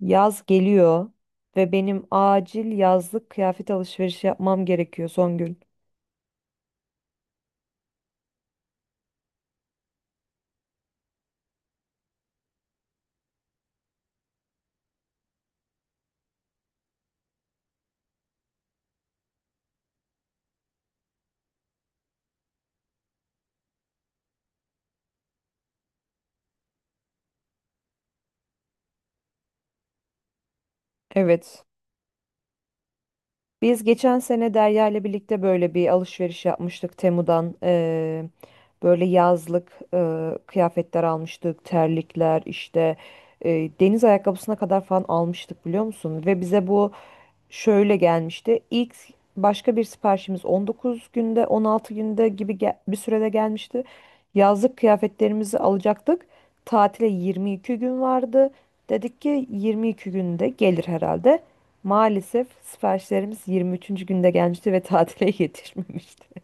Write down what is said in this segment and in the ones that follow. Yaz geliyor ve benim acil yazlık kıyafet alışverişi yapmam gerekiyor son gün. Evet. Biz geçen sene Derya ile birlikte böyle bir alışveriş yapmıştık Temu'dan. Böyle yazlık kıyafetler almıştık, terlikler işte deniz ayakkabısına kadar falan almıştık biliyor musun? Ve bize bu şöyle gelmişti. İlk başka bir siparişimiz 19 günde, 16 günde gibi bir sürede gelmişti. Yazlık kıyafetlerimizi alacaktık. Tatile 22 gün vardı. Dedik ki 22 günde gelir herhalde. Maalesef siparişlerimiz 23. günde gelmişti ve tatile yetişmemişti.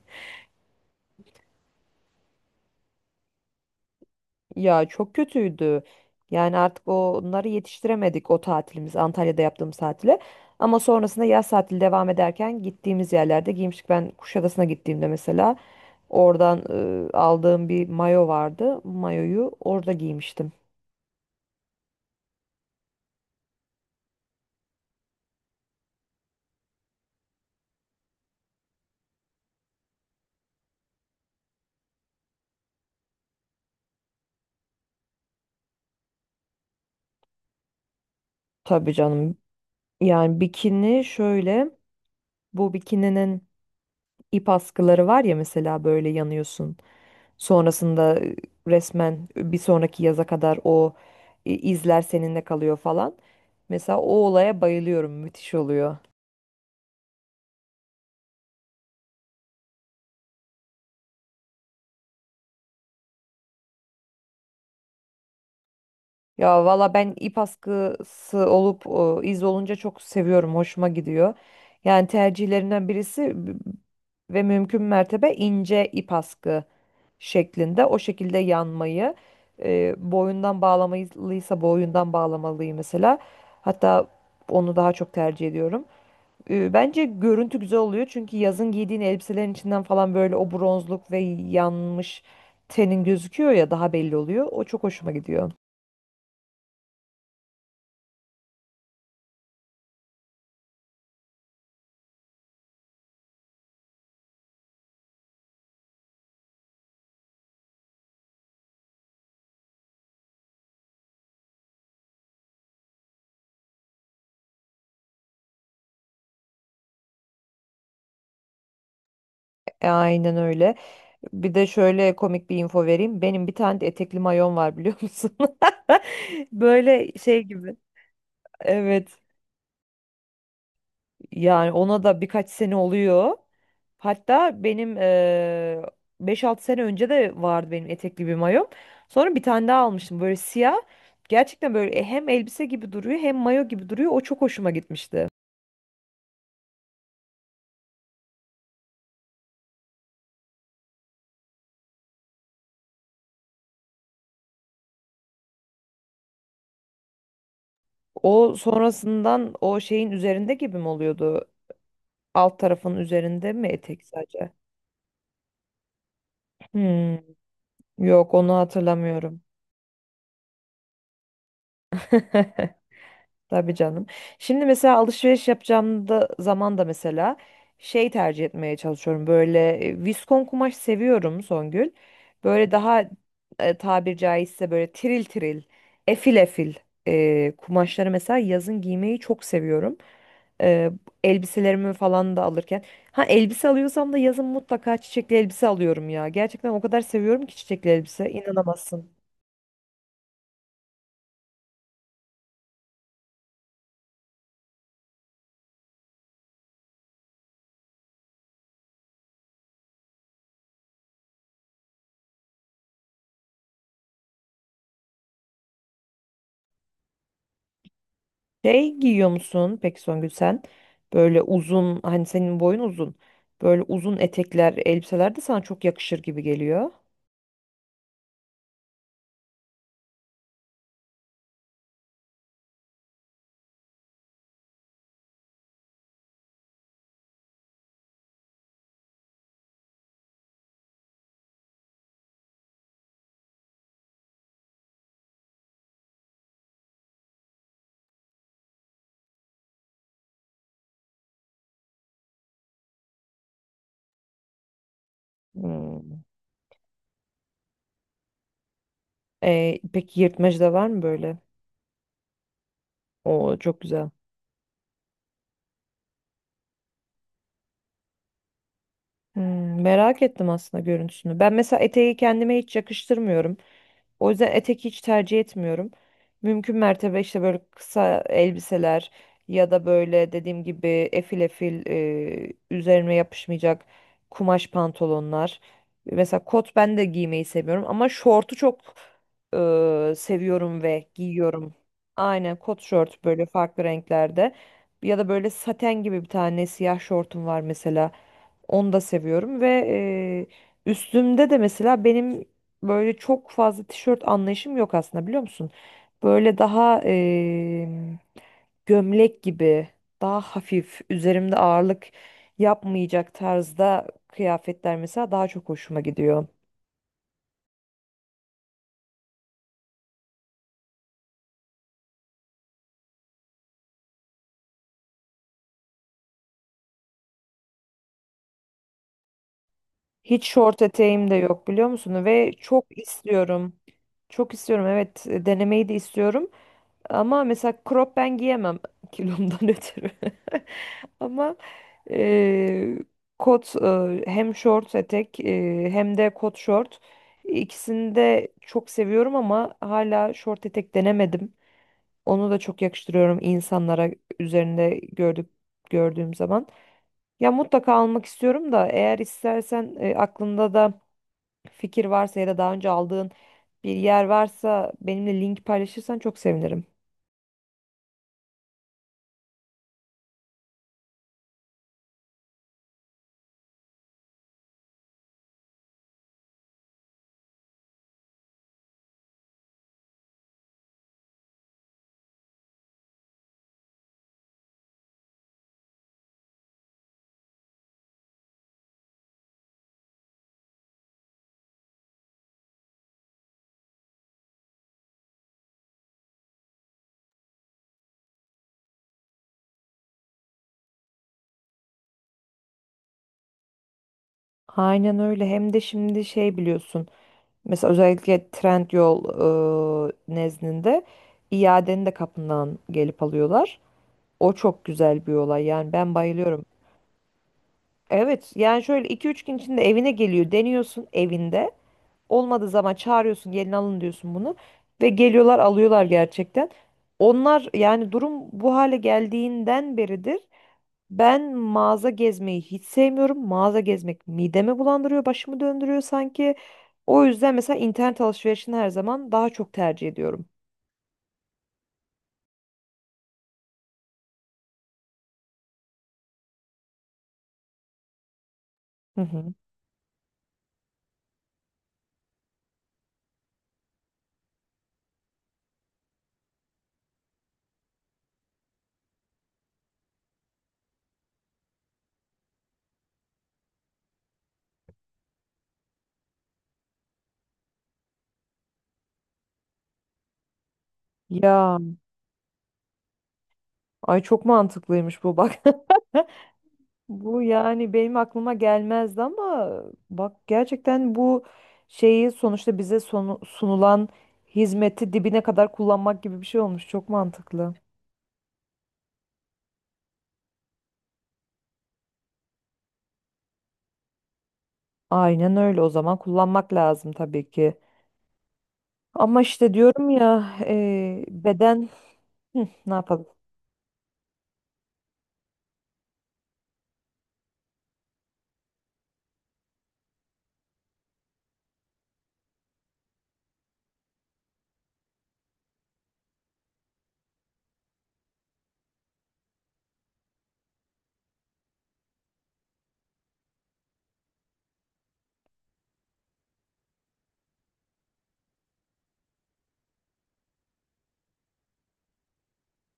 Ya çok kötüydü. Yani artık onları yetiştiremedik o tatilimiz Antalya'da yaptığımız tatile. Ama sonrasında yaz tatili devam ederken gittiğimiz yerlerde giymiştik. Ben Kuşadası'na gittiğimde mesela oradan aldığım bir mayo vardı. Mayoyu orada giymiştim. Tabii canım. Yani bikini şöyle bu bikininin ip askıları var ya mesela böyle yanıyorsun. Sonrasında resmen bir sonraki yaza kadar o izler seninle kalıyor falan. Mesela o olaya bayılıyorum. Müthiş oluyor. Ya valla ben ip askısı olup o, iz olunca çok seviyorum. Hoşuma gidiyor. Yani tercihlerinden birisi ve mümkün mertebe ince ip askı şeklinde o şekilde yanmayı boyundan bağlamalıysa boyundan bağlamalıyım mesela. Hatta onu daha çok tercih ediyorum. Bence görüntü güzel oluyor çünkü yazın giydiğin elbiselerin içinden falan böyle o bronzluk ve yanmış tenin gözüküyor ya daha belli oluyor. O çok hoşuma gidiyor. Aynen öyle. Bir de şöyle komik bir info vereyim. Benim bir tane de etekli mayon var biliyor musun? Böyle şey gibi. Evet. Yani ona da birkaç sene oluyor. Hatta benim 5-6 sene önce de vardı benim etekli bir mayom. Sonra bir tane daha almıştım böyle siyah. Gerçekten böyle hem elbise gibi duruyor hem mayo gibi duruyor. O çok hoşuma gitmişti. O sonrasından o şeyin üzerinde gibi mi oluyordu? Alt tarafın üzerinde mi etek sadece? Hmm, yok onu hatırlamıyorum. Tabii canım. Şimdi mesela alışveriş yapacağım da zaman da mesela şey tercih etmeye çalışıyorum. Böyle viskon kumaş seviyorum Songül. Böyle daha tabir caizse böyle tiril tiril, efil efil kumaşları mesela yazın giymeyi çok seviyorum. E, elbiselerimi falan da alırken. Ha elbise alıyorsam da yazın mutlaka çiçekli elbise alıyorum ya. Gerçekten o kadar seviyorum ki çiçekli elbise. İnanamazsın. Şey giyiyor musun peki Songül sen? Böyle uzun hani senin boyun uzun. Böyle uzun etekler, elbiseler de sana çok yakışır gibi geliyor. Hmm. Peki yırtmacı da var mı böyle? O çok güzel. Merak ettim aslında görüntüsünü. Ben mesela eteği kendime hiç yakıştırmıyorum. O yüzden etek hiç tercih etmiyorum. Mümkün mertebe işte böyle kısa elbiseler ya da böyle dediğim gibi efil efil üzerime yapışmayacak kumaş pantolonlar. Mesela kot ben de giymeyi seviyorum ama şortu çok seviyorum ve giyiyorum. Aynen kot şort böyle farklı renklerde. Ya da böyle saten gibi bir tane siyah şortum var mesela. Onu da seviyorum ve üstümde de mesela benim böyle çok fazla tişört anlayışım yok aslında biliyor musun? Böyle daha gömlek gibi, daha hafif, üzerimde ağırlık yapmayacak tarzda kıyafetler mesela daha çok hoşuma gidiyor. Hiç şort eteğim de yok biliyor musun? Ve çok istiyorum. Çok istiyorum evet denemeyi de istiyorum. Ama mesela crop ben giyemem kilomdan ötürü. Ama eee, kot hem short etek hem de kot short ikisini de çok seviyorum ama hala short etek denemedim. Onu da çok yakıştırıyorum insanlara üzerinde gördüğüm zaman. Ya mutlaka almak istiyorum da eğer istersen aklında da fikir varsa ya da daha önce aldığın bir yer varsa benimle link paylaşırsan çok sevinirim. Aynen öyle. Hem de şimdi şey biliyorsun. Mesela özellikle Trendyol nezdinde iadeni de kapından gelip alıyorlar. O çok güzel bir olay. Yani ben bayılıyorum. Evet yani şöyle iki üç gün içinde evine geliyor. Deniyorsun evinde. Olmadığı zaman çağırıyorsun gelin alın diyorsun bunu. Ve geliyorlar alıyorlar gerçekten. Onlar yani durum bu hale geldiğinden beridir. Ben mağaza gezmeyi hiç sevmiyorum. Mağaza gezmek midemi bulandırıyor, başımı döndürüyor sanki. O yüzden mesela internet alışverişini her zaman daha çok tercih ediyorum. Hı hı. Ya, ay çok mantıklıymış bu bak. Bu yani benim aklıma gelmezdi ama bak gerçekten bu şeyi sonuçta bize sunulan hizmeti dibine kadar kullanmak gibi bir şey olmuş. Çok mantıklı. Aynen öyle o zaman kullanmak lazım tabii ki. Ama işte diyorum ya beden. Hı, ne yapalım?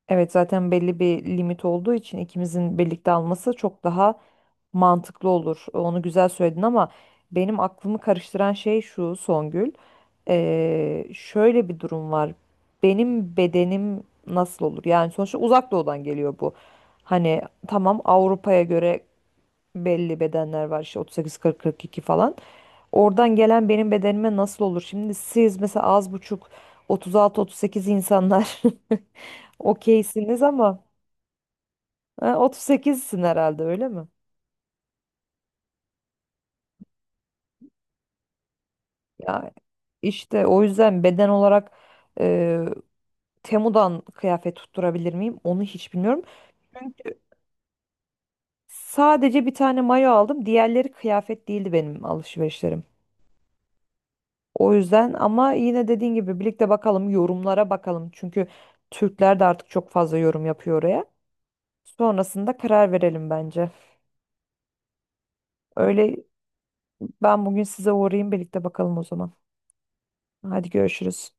Evet zaten belli bir limit olduğu için ikimizin birlikte alması çok daha mantıklı olur. Onu güzel söyledin ama benim aklımı karıştıran şey şu Songül. Şöyle bir durum var. Benim bedenim nasıl olur? Yani sonuçta uzak doğudan geliyor bu. Hani tamam Avrupa'ya göre belli bedenler var işte 38-40-42 falan. Oradan gelen benim bedenime nasıl olur? Şimdi siz mesela az buçuk 36-38 insanlar Okeysiniz ama 38'sin herhalde öyle mi? Ya işte o yüzden beden olarak e, Temu'dan kıyafet tutturabilir miyim? Onu hiç bilmiyorum. Çünkü sadece bir tane mayo aldım. Diğerleri kıyafet değildi benim alışverişlerim. O yüzden ama yine dediğin gibi birlikte bakalım yorumlara bakalım. Çünkü Türkler de artık çok fazla yorum yapıyor oraya. Sonrasında karar verelim bence. Öyle ben bugün size uğrayayım birlikte bakalım o zaman. Hadi görüşürüz.